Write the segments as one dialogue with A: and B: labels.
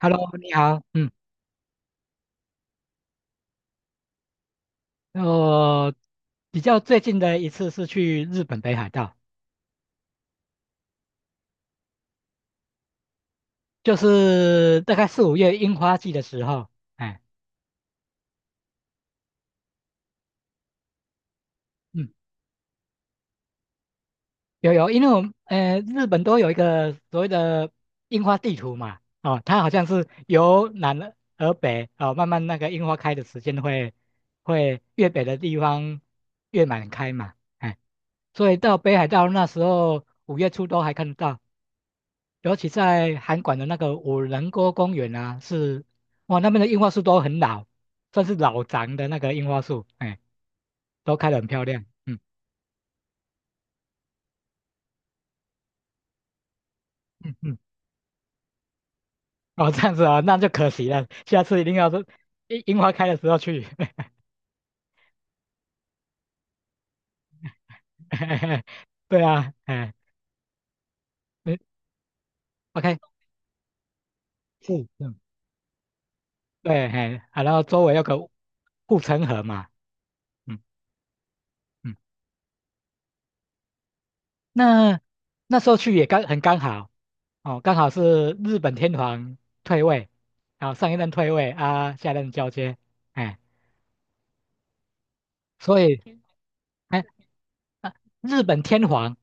A: Hello，你好，我比较最近的一次是去日本北海道，就是大概4、5月樱花季的时候，哎，嗯，有，因为我们日本都有一个所谓的樱花地图嘛，哦，它好像是由南而北，哦，慢慢那个樱花开的时间会越北的地方越满开嘛，哎，所以到北海道那时候5月初都还看得到，尤其在韩馆的那个五人锅公园啊，是哇，那边的樱花树都很老，算是老长的那个樱花树，哎，都开得很漂亮。嗯嗯嗯，哦，这样子啊，那就可惜了，下次一定要是樱花开的时候去。对啊，哎，嗯，OK，是，嗯，对，哎，啊，然后周围有个护城河嘛，嗯嗯，那那时候去也很刚好，哦，刚好是日本天皇退位，啊，上一任退位啊，下一任交接，哎，所以哎，啊，日本天皇，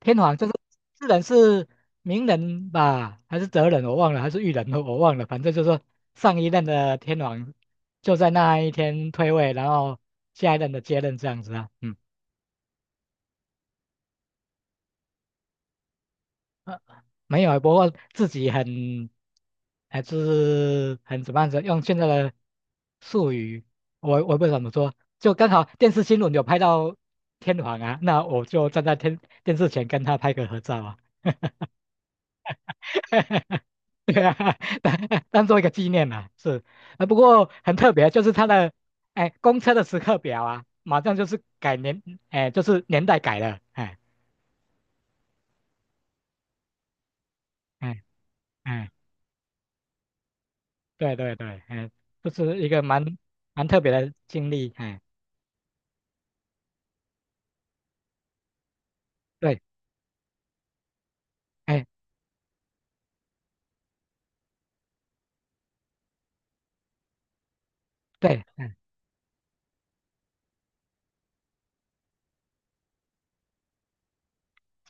A: 天皇就是日本是明仁吧，还是哲仁我忘了，还是裕仁我忘了，反正就是说上一任的天皇就在那一天退位，然后下一任的接任这样子啊，嗯。没有，不过自己还是很怎么样子，用现在的术语，我不知道怎么说，就刚好电视新闻有拍到天皇啊，那我就站在电视前跟他拍个合照啊，对啊，当当做一个纪念啦、啊，是，不过很特别，就是他的哎公车的时刻表啊，马上就是改年，哎，就是年代改了，哎哎。对对对，哎，这是一个蛮特别的经历，哎，对，哎，对，哎，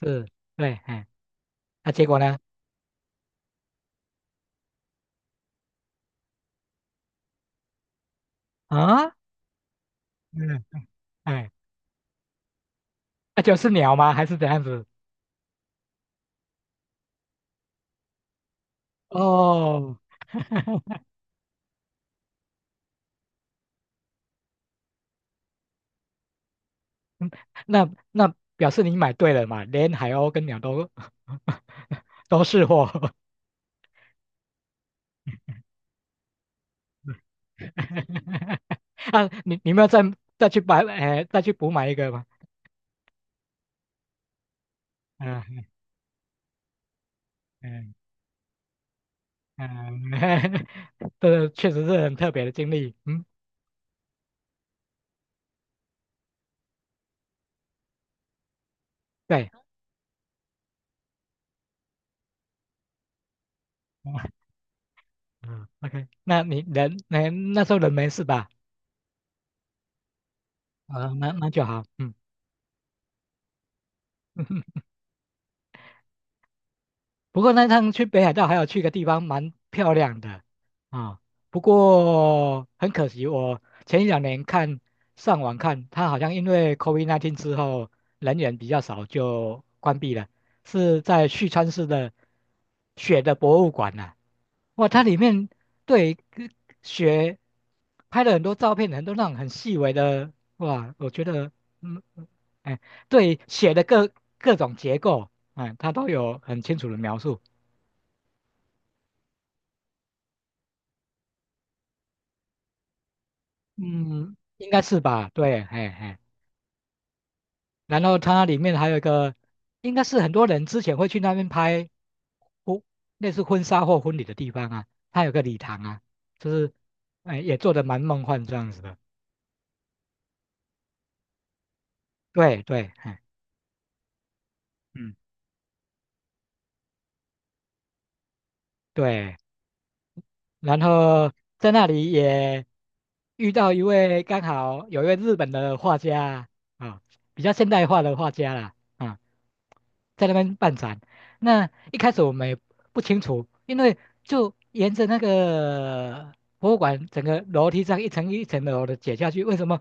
A: 是，对，哎，那、结果呢？啊，嗯，哎，那、就是鸟吗？还是怎样子？哦，那表示你买对了嘛，连海鸥跟鸟都 都是货。啊，你们要再去买，哎，再去补买一个吗？嗯嗯嗯，这确实是很特别的经历，嗯，对。嗯，OK，那时候人没事吧？啊，那就好，嗯。不过那趟去北海道还有去个地方蛮漂亮的啊，不过很可惜，我前一两年上网看，它好像因为 COVID-19 之后人员比较少，就关闭了。是在旭川市的雪的博物馆呐、哇，它里面对跟雪拍了很多照片，很多那种很细微的，哇，我觉得嗯，嗯哎，对雪的各种结构。哎，他都有很清楚的描述，嗯，应该是吧？对，嘿嘿。然后它里面还有一个，应该是很多人之前会去那边拍婚，类似婚纱或婚礼的地方啊，它有个礼堂啊，就是，哎，也做的蛮梦幻这样子的。对对，嗯嗯，对。然后在那里也遇到刚好有一位日本的画家啊，啊比较现代化的画家啦。啊。在那边办展。那一开始我们也不清楚，因为就沿着那个博物馆整个楼梯这样一层一层的楼的解下去，为什么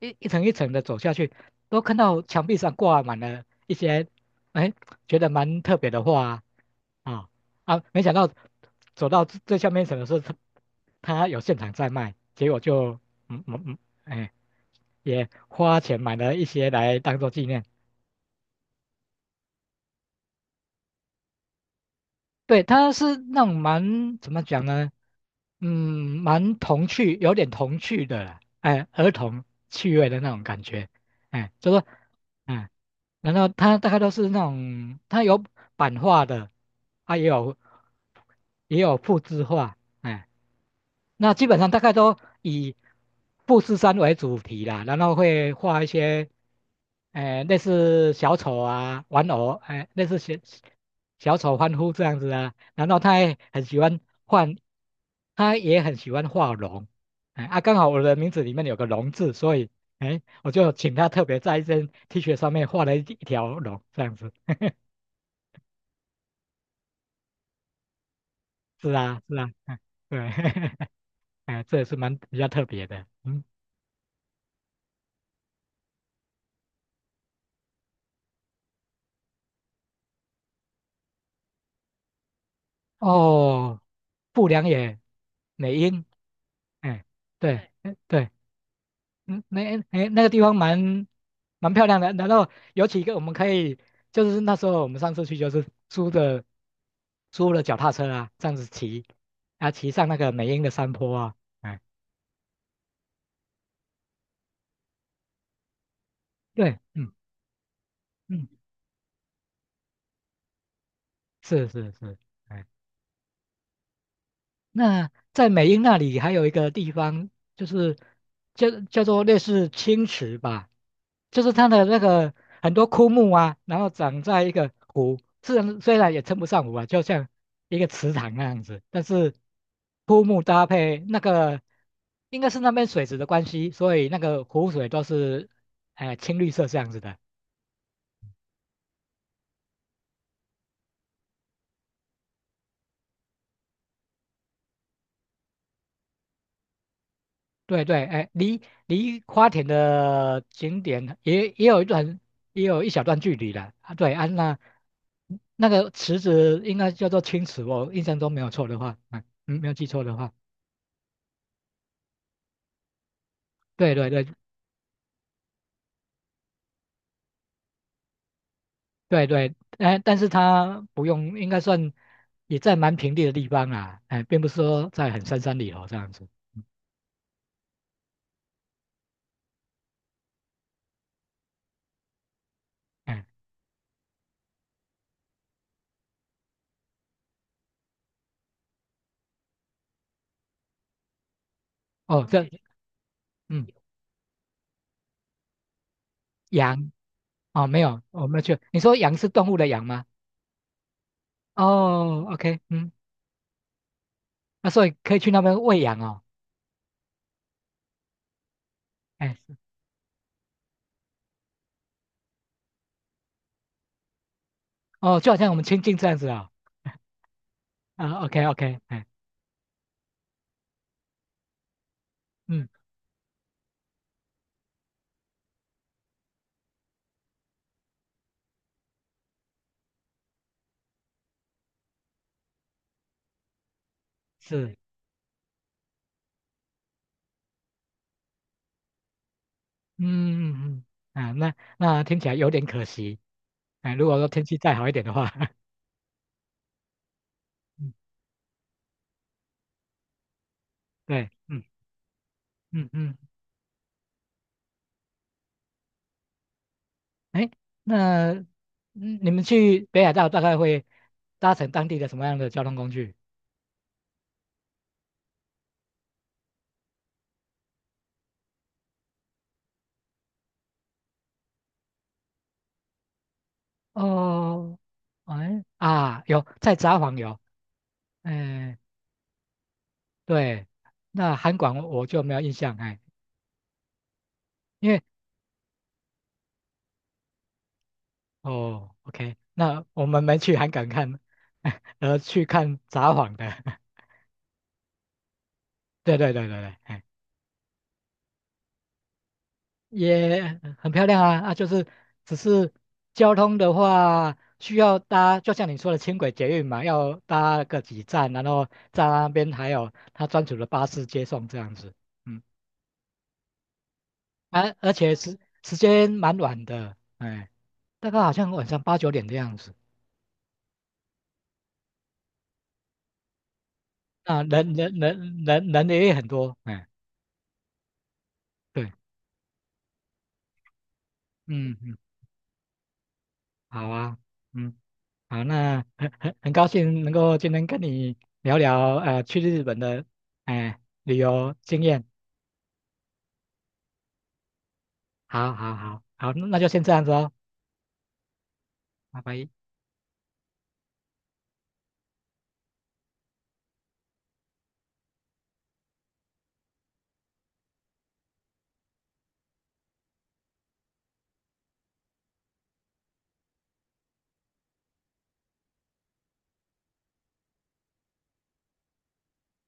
A: 一层一层的走下去，都看到墙壁上挂满了一些，哎，觉得蛮特别的画啊啊！没想到走到最下面一层的时候，它有现场在卖，结果就嗯嗯嗯，哎，也花钱买了一些来当做纪念。对，它是那种蛮怎么讲呢？嗯，蛮童趣，有点童趣的啦，哎，儿童趣味的那种感觉，哎，就说，哎，然后它大概都是那种，它有版画的，啊，也有复制画，哎。那基本上大概都以富士山为主题啦，然后会画一些，类似小丑啊、玩偶，哎、类似小丑欢呼这样子啊。然后他也很喜欢换，他也很喜欢画龙，哎、啊，刚好我的名字里面有个龙字，所以哎，我就请他特别在一件 T 恤上面画了一条龙这样子。是啊，是啊，嗯，对，哎，这也是蛮比较特别的，嗯。哦，不良野美瑛，哎，对，对，哎对对对嗯，那哎那个地方蛮漂亮的，然后有几个我们可以，就是那时候我们上次去就是租了脚踏车啊，这样子骑，啊骑上那个美瑛的山坡啊，哎，对，嗯嗯，是是是，哎那在美英那里还有一个地方，就是叫做类似青池吧，就是它的那个很多枯木啊，然后长在一个湖，虽然也称不上湖啊，就像一个池塘那样子，但是枯木搭配那个应该是那边水质的关系，所以那个湖水都是哎、青绿色这样子的。对对，哎，离花田的景点也有一段，也有一小段距离了啊。对啊，那那个池子应该叫做青池，我印象中没有错的话，嗯嗯，没有记错的话，对对对对对，哎，但是它不用，应该算也在蛮平地的地方啦，哎，并不是说在很深山里头这样子，嗯，哎，哦，这嗯，羊哦，没有，我没有去，你说羊是动物的羊吗？哦，OK，嗯，那所以可以去那边喂羊哦。哎，是哦，就好像我们亲近这样子啊、啊，OK OK，哎，嗯，是，嗯嗯嗯，啊，那听起来有点可惜，哎，如果说天气再好一点的话，嗯，对，嗯嗯嗯，哎，那你们去北海道大概会搭乘当地的什么样的交通工具？哦，哎啊，有在札幌有，哎，对，那韩馆我就没有印象，哎。因为哦，OK，那我们没去韩港看，而去看札幌的，对对对对对，哎，也很漂亮啊，就是只是交通的话，需要搭，就像你说的轻轨捷运嘛，要搭个几站，然后在那边还有他专属的巴士接送这样子，嗯，而且时间蛮晚的，哎，大概好像晚上8、9点的样子，啊，人也很多，哎，对，嗯嗯，好啊。嗯。好，那很高兴能够今天跟你聊聊去日本的哎、旅游经验。好好好好，那就先这样子哦，拜拜。